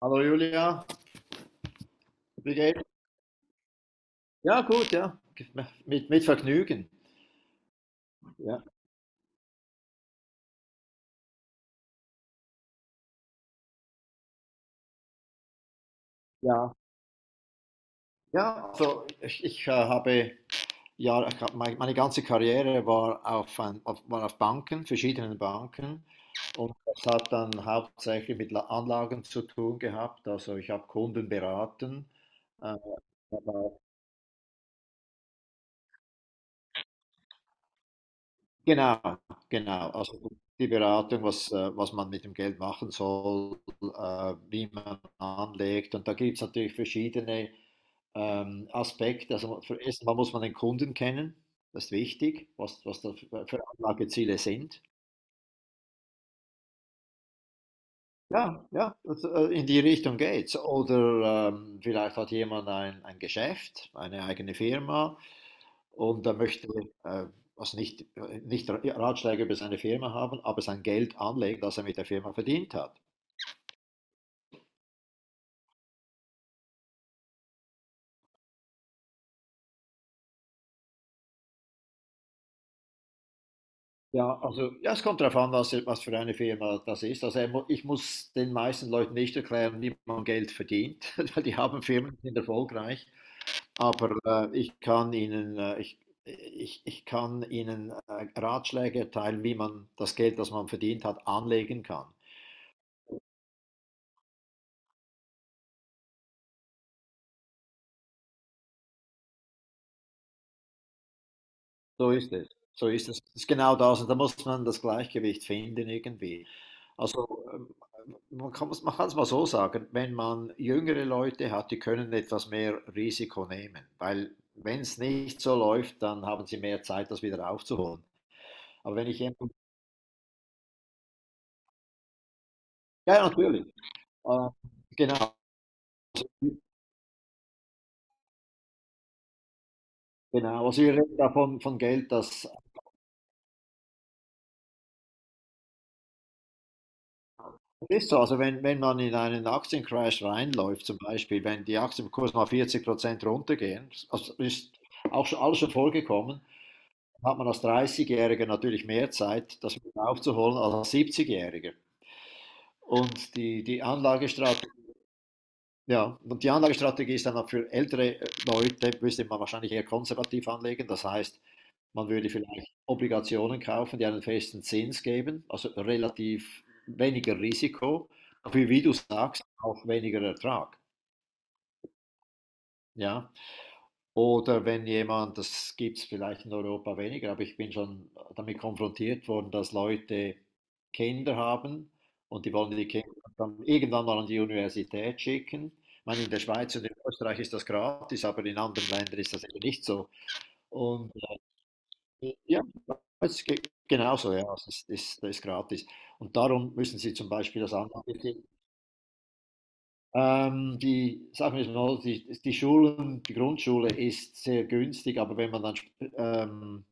Hallo Julia, wie geht's? Ja, gut, ja. Mit Vergnügen. Ja, ja. Ja, also ich habe, ja, meine ganze Karriere war auf Banken, verschiedenen Banken. Und das hat dann hauptsächlich mit Anlagen zu tun gehabt. Also ich habe Kunden beraten. äh, Genau, genau. Also die Beratung, was man mit dem Geld machen soll, wie man anlegt. Und da gibt es natürlich verschiedene Aspekte. Also erstmal muss man den Kunden kennen. Das ist wichtig, was da für Anlageziele sind. Ja, ja, in die Richtung geht's. Oder vielleicht hat jemand ein Geschäft, eine eigene Firma. Und er möchte äh, also nicht Ratschläge über seine Firma haben, aber sein Geld anlegen, das er mit der Firma verdient hat. Ja, also ja, es kommt darauf an, was für eine Firma das ist. Also ich muss den meisten Leuten nicht erklären, wie man Geld verdient, weil die haben Firmen, die sind erfolgreich. Aber ich kann ihnen Ratschläge erteilen, wie man das Geld, das man verdient hat, anlegen kann. So ist es. So ist es. Das ist genau das. Und da muss man das Gleichgewicht finden irgendwie. Also man kann es mal so sagen, wenn man jüngere Leute hat, die können etwas mehr Risiko nehmen, weil wenn es nicht so läuft, dann haben sie mehr Zeit, das wieder aufzuholen. Aber wenn ich jemanden, ja, natürlich, äh, genau, genau, also wir reden davon von Geld, das. Ist so, also wenn man in einen Aktiencrash reinläuft, zum Beispiel, wenn die Aktienkurs mal 40% runtergehen, also ist auch schon, alles schon vorgekommen, hat man als 30-Jähriger natürlich mehr Zeit, das wieder aufzuholen als 70-Jähriger. Und die, die Anlagestrategie, ja, und die Anlagestrategie ist dann auch für ältere Leute, müsste man wahrscheinlich eher konservativ anlegen, das heißt, man würde vielleicht Obligationen kaufen, die einen festen Zins geben, also relativ weniger Risiko, aber wie du sagst, auch weniger Ertrag. Ja, oder wenn jemand, das gibt es vielleicht in Europa weniger, aber ich bin schon damit konfrontiert worden, dass Leute Kinder haben und die wollen die Kinder dann irgendwann mal an die Universität schicken. Ich meine, in der Schweiz und in Österreich ist das gratis, aber in anderen Ländern ist das eben nicht so. Und äh, Ja, es geht genauso, ja, es ist, das ist gratis. Und darum müssen Sie zum Beispiel das Anlagebedingungen. Sagen wir es mal, so, die Schulen, die Grundschule ist sehr günstig, aber wenn man dann ähm,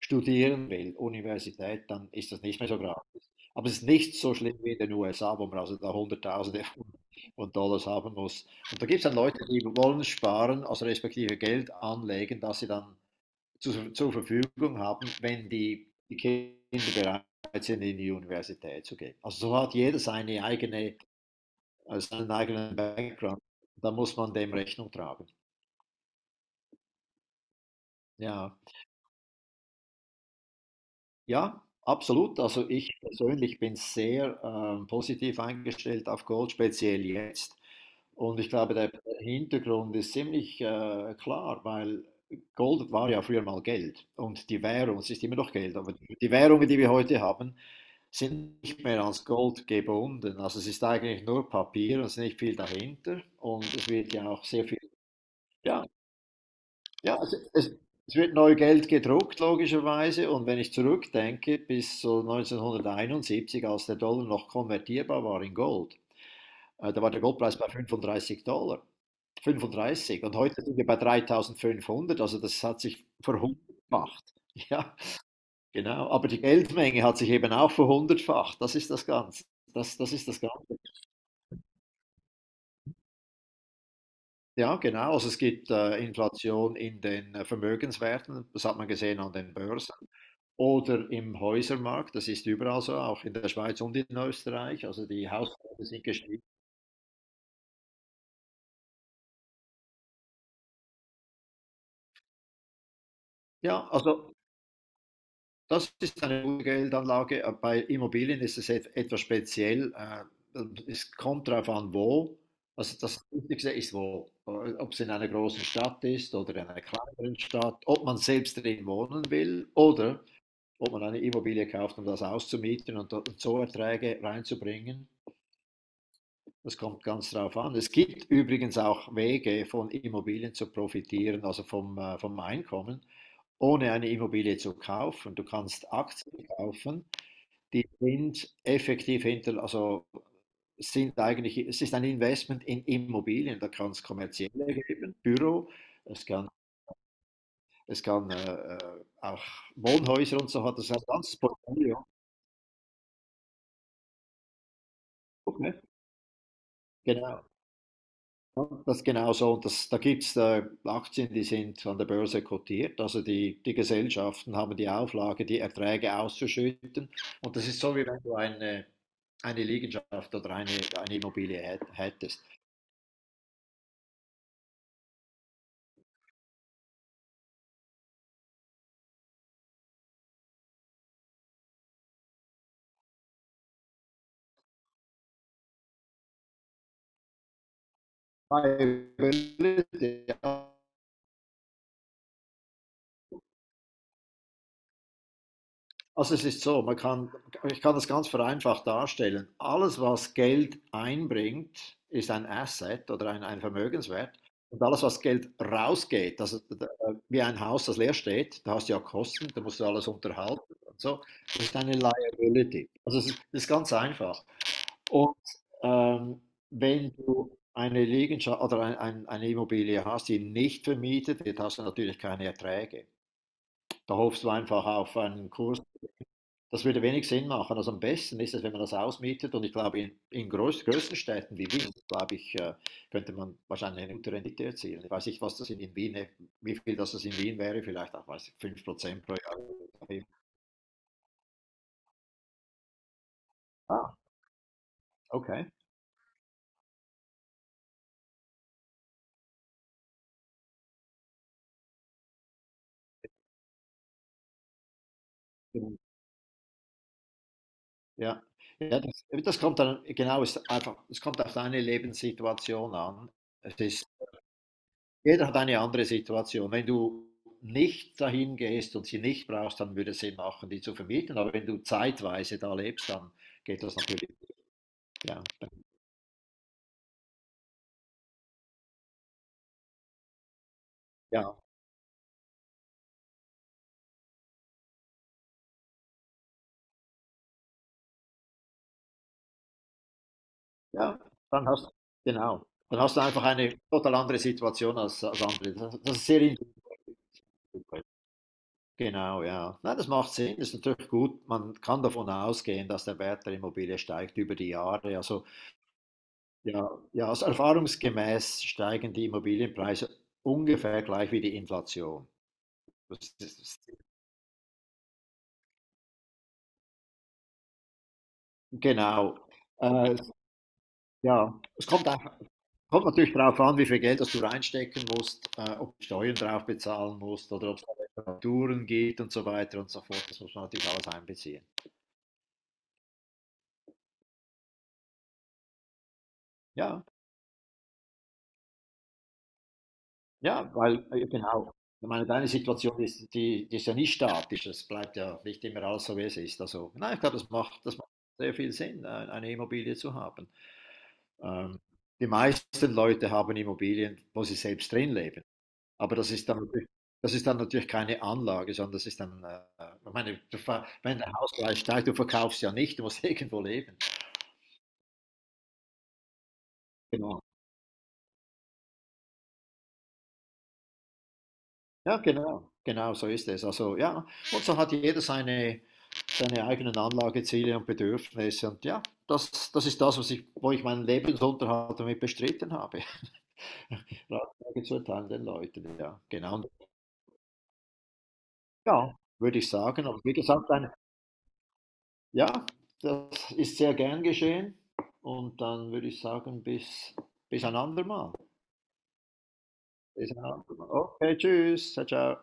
studieren will, Universität, dann ist das nicht mehr so gratis. Aber es ist nicht so schlimm wie in den USA, wo man also da Hunderttausende von Dollars haben muss. Und da gibt es dann Leute, die wollen sparen, also respektive Geld anlegen, dass sie dann zu zur Verfügung haben, wenn die Kinder bereit sind, in die Universität zu gehen. Also so hat jeder seinen eigenen Background. Da muss man dem Rechnung tragen. Ja, ja absolut. Also ich persönlich bin sehr positiv eingestellt auf Gold, speziell jetzt. Und ich glaube, der Hintergrund ist ziemlich klar, weil Gold war ja früher mal Geld und die Währung, es ist immer noch Geld, aber die Währungen, die wir heute haben, sind nicht mehr ans Gold gebunden. Also es ist eigentlich nur Papier, es ist nicht viel dahinter und es wird ja auch sehr viel, ja, ja, es wird neu Geld gedruckt, logischerweise. Und wenn ich zurückdenke, bis so 1971, als der Dollar noch konvertierbar war in Gold, da war der Goldpreis bei 35 Dollar. 35. Und heute sind wir bei 3.500, also das hat sich verhundertfacht. Ja, genau, aber die Geldmenge hat sich eben auch verhundertfacht. Das ist das Ganze. Das ist das Ganze. Ja, genau. Also es gibt Inflation in den Vermögenswerten, das hat man gesehen an den Börsen oder im Häusermarkt. Das ist überall so, auch in der Schweiz und in Österreich. Also die Hauspreise sind gestiegen. Ja, also das ist eine gute Geldanlage. Bei Immobilien ist es etwas speziell. Es kommt darauf an, wo. Also das Wichtigste ist wo. Ob es in einer großen Stadt ist oder in einer kleineren Stadt, ob man selbst drin wohnen will oder ob man eine Immobilie kauft, um das auszumieten und so Erträge reinzubringen. Das kommt ganz darauf an. Es gibt übrigens auch Wege, von Immobilien zu profitieren, also vom Einkommen, ohne eine Immobilie zu kaufen. Du kannst Aktien kaufen, die sind effektiv hinter, also sind eigentlich, es ist ein Investment in Immobilien, da kann es kommerzielle geben, Büro, es kann, es kann auch Wohnhäuser und so hat, das ist ein ganzes Portfolio. Okay. Genau, ja, das genau so. Und da gibt es Aktien, die sind an der Börse kotiert, also die Gesellschaften haben die Auflage, die Erträge auszuschütten. Und das ist so, wie wenn du eine Liegenschaft oder eine Immobilie hättest. Ja. Also es ist so, ich kann das ganz vereinfacht darstellen. Alles, was Geld einbringt, ist ein Asset oder ein Vermögenswert. Und alles, was Geld rausgeht, also wie ein Haus, das leer steht, da hast du ja Kosten, da musst du alles unterhalten und so, das ist eine Liability. Also das ist ganz einfach. Und ähm, wenn du eine Liegenschaft oder eine Immobilie hast, die nicht vermietet wird, hast du natürlich keine Erträge. Da hoffst du einfach auf einen Kurs. Das würde wenig Sinn machen. Also am besten ist es, wenn man das ausmietet. Und ich glaube, in größten Städten wie Wien, glaube ich, könnte man wahrscheinlich eine gute Rendite erzielen. Ich weiß nicht, was das in Wien, wie viel das in Wien wäre, vielleicht auch, weiß ich, 5% pro Jahr. Ah, okay. Ja, ja das kommt dann, genau, es ist einfach, es kommt auf deine Lebenssituation an. Es ist Jeder hat eine andere Situation. Wenn du nicht dahin gehst und sie nicht brauchst, dann würde es Sinn machen, die zu vermieten. Aber wenn du zeitweise da lebst, dann geht das natürlich. Ja, ja, ja. Dann hast Genau. Dann hast du einfach eine total andere Situation als andere. Das ist sehr individuell. Genau, ja. Nein, das macht Sinn. Das ist natürlich gut. Man kann davon ausgehen, dass der Wert der Immobilie steigt über die Jahre. Also ja, ja, also erfahrungsgemäß steigen die Immobilienpreise ungefähr gleich wie die Inflation. Das ist, genau. Äh, ja, kommt natürlich darauf an, wie viel Geld das du reinstecken musst, ob du Steuern drauf bezahlen musst oder ob es Reparaturen gibt und so weiter und so fort. Das muss man natürlich alles einbeziehen. Ja, ja, genau. Ich meine, deine Situation ist, die, die ist ja nicht statisch, es bleibt ja nicht immer alles so, wie es ist. Also, nein, ich glaube, das macht sehr viel Sinn, eine Immobilie zu haben. Ähm, die meisten Leute haben Immobilien, wo sie selbst drin leben. Aber das ist dann natürlich, keine Anlage, sondern das ist dann, ich meine, wenn der Hauspreis steigt, du verkaufst ja nicht, du musst irgendwo leben. Genau. Ja, genau, genau, so ist es. Also ja, und so hat jeder seine eigenen Anlageziele und Bedürfnisse. Und ja, das ist das, wo ich meinen Lebensunterhalt damit bestritten habe. Ratschläge zu erteilen den Leuten, ja, genau. Und ja, würde ich sagen. Und wie gesagt, ein. Ja, das ist sehr gern geschehen. Und dann würde ich sagen, bis ein andermal. Bis ein andermal. Okay, tschüss. Ciao, ciao.